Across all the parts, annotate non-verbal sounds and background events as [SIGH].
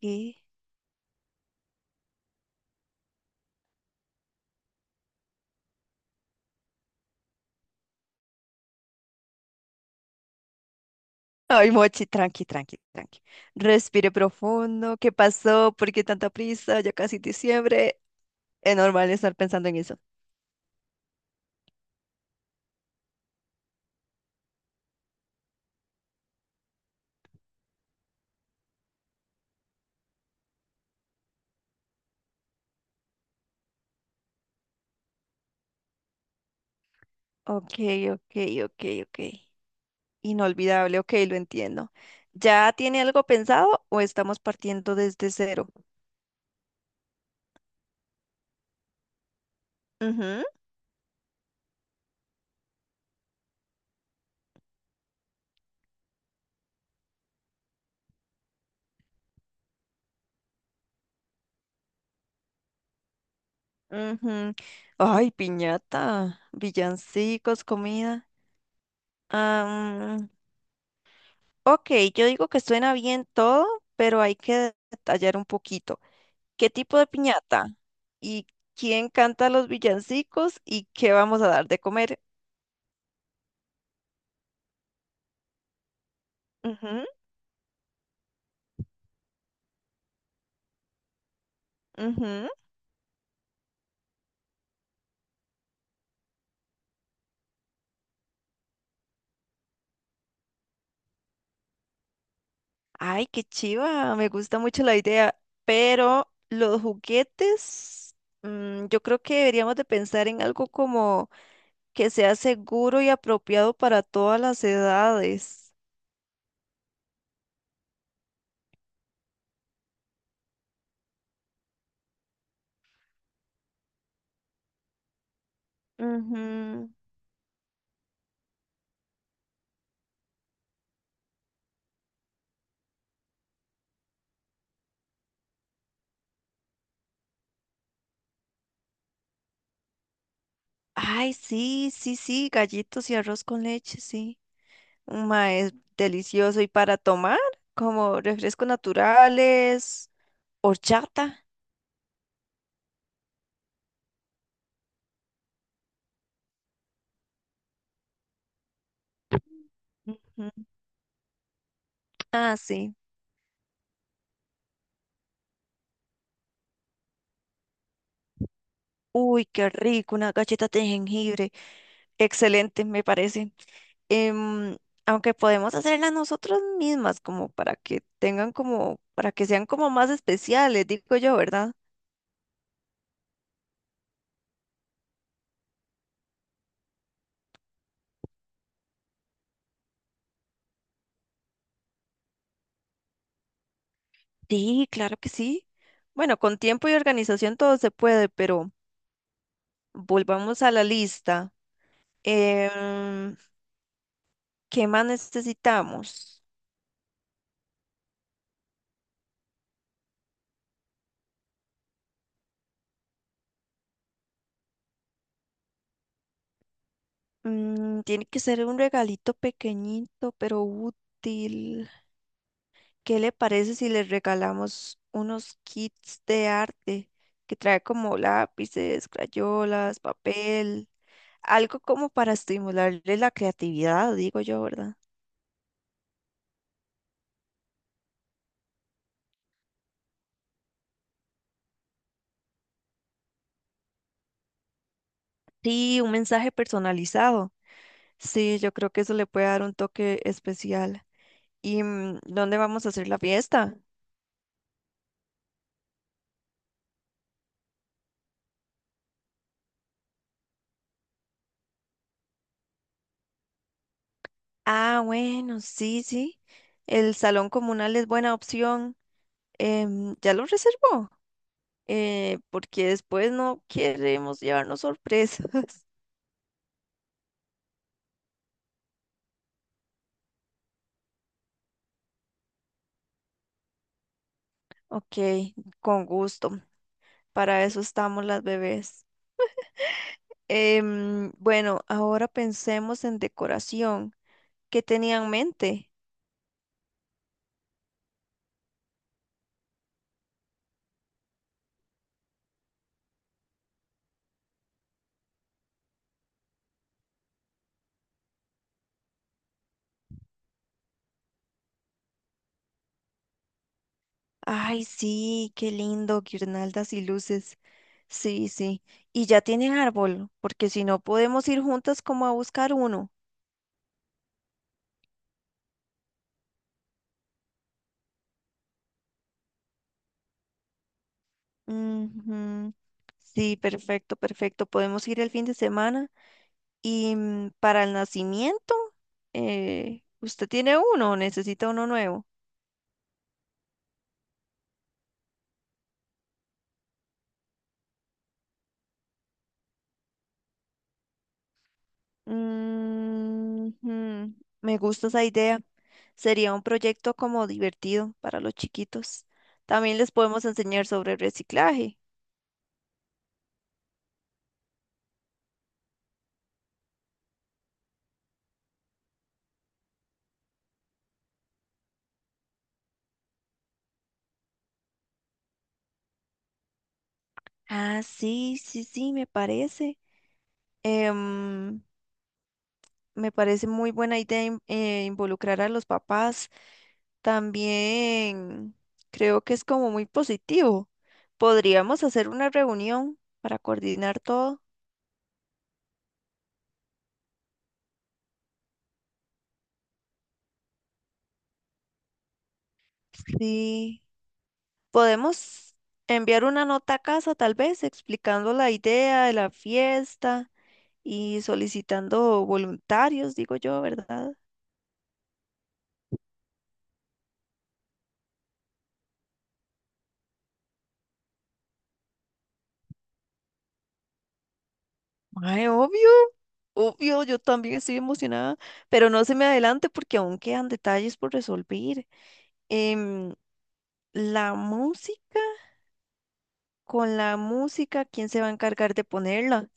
¿Qué? Ay, Mochi, tranqui, tranqui, tranqui. Respire profundo. ¿Qué pasó? ¿Por qué tanta prisa? Ya casi diciembre. Es normal estar pensando en eso. Ok, ok, ok, ok. Inolvidable, ok, lo entiendo. ¿Ya tiene algo pensado o estamos partiendo desde cero? Ujú. Ujú. Ay, piñata, villancicos, comida. Am, ok, yo digo que suena bien todo, pero hay que detallar un poquito. ¿Qué tipo de piñata? ¿Y quién canta los villancicos? ¿Y qué vamos a dar de comer? Ujú, ujú. Ay, qué chiva, me gusta mucho la idea, pero los juguetes, yo creo que deberíamos de pensar en algo como que sea seguro y apropiado para todas las edades. Ujú. Ay, sí, sí, sí, gallitos y arroz con leche, sí. Ma, es delicioso. ¿Y para tomar? Como refrescos naturales, horchata. Ujú. Ah, sí. Uy, qué rico, una galleta de jengibre. Excelente, me parece. Em, Aunque podemos hacerlas nosotras mismas, como para que tengan como, para que sean como más especiales, digo yo, ¿verdad? Sí, claro que sí. Bueno, con tiempo y organización todo se puede, pero volvamos a la lista. Em, ¿Qué más necesitamos? Mm, tiene que ser un regalito pequeñito, pero útil. ¿Qué le parece si le regalamos unos kits de arte que trae como lápices, crayolas, papel? Algo como para estimularle la creatividad, digo yo, ¿verdad? Sí, un mensaje personalizado. Sí, yo creo que eso le puede dar un toque especial. ¿Y dónde vamos a hacer la fiesta? Ah, bueno, sí, sí. El salón comunal es buena opción. ¿Ya lo reservó? Porque después no queremos llevarnos sorpresas. [LAUGHS] Ok, con gusto. Para eso estamos las bebés. Bueno, ahora pensemos en decoración. ¿Qué tenía en mente? Ay, sí, qué lindo, guirnaldas y luces. Sí, sí. Y ya tienen árbol, porque si no podemos ir juntas como a buscar uno. Ujú. Sí, perfecto, perfecto. Podemos ir el fin de semana. Y para el nacimiento, ¿usted tiene uno o necesita uno nuevo? Ujú. Me gusta esa idea. Sería un proyecto como divertido para los chiquitos. También les podemos enseñar sobre reciclaje. Ah, sí, sí, sí, me parece. Em, Me parece muy buena idea involucrar a los papás. También creo que es como muy positivo. Podríamos hacer una reunión para coordinar todo. Sí, podemos enviar una nota a casa, tal vez, explicando la idea de la fiesta y solicitando voluntarios, digo yo, ¿verdad? Ay, obvio, obvio, yo también estoy emocionada, pero no se me adelante porque aún quedan detalles por resolver. Em, la música, con la música, ¿quién se va a encargar de ponerla?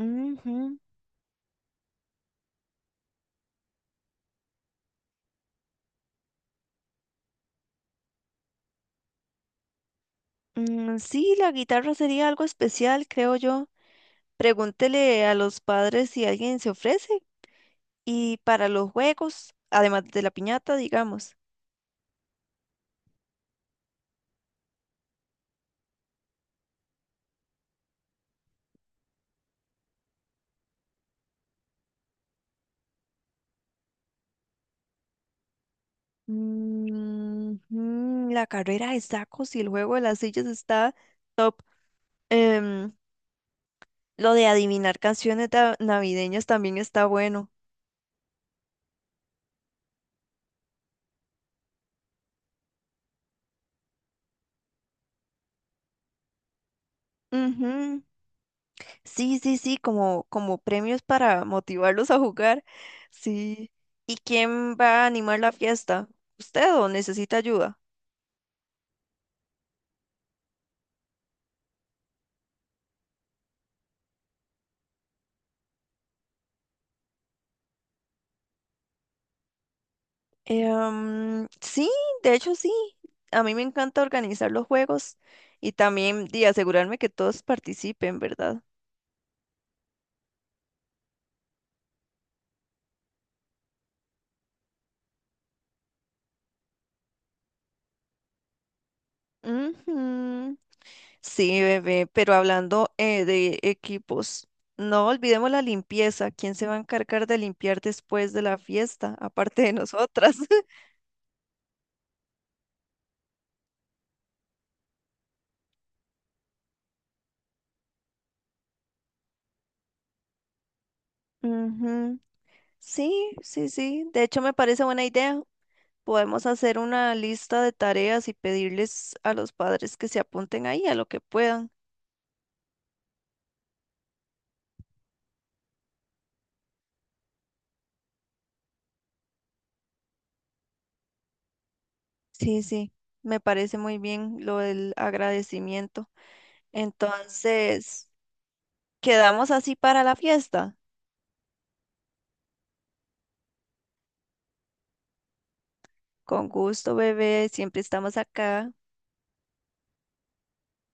Ujú. Mm, sí, la guitarra sería algo especial, creo yo. Pregúntele a los padres si alguien se ofrece. Y para los juegos, además de la piñata, digamos. Mm, mm, la carrera de sacos y el juego de las sillas está em, lo de adivinar canciones navideñas también está bueno. Ujú. Sí, sí, sí, como, como premios para motivarlos a jugar. Sí. ¿Y quién va a animar la fiesta? ¿Usted o necesita ayuda? Sí, de hecho sí. A mí me encanta organizar los juegos y también de asegurarme que todos participen, ¿verdad? Ujú. Sí, bebé, pero hablando de equipos, no olvidemos la limpieza. ¿Quién se va a encargar de limpiar después de la fiesta, aparte de nosotras? [LAUGHS] Ujú. Sí, sí, sí. De hecho, me parece buena idea. Podemos hacer una lista de tareas y pedirles a los padres que se apunten ahí a lo que puedan. Sí, sí, me parece muy bien lo del agradecimiento. Entonces, quedamos así para la fiesta. Con gusto, bebé, siempre estamos acá.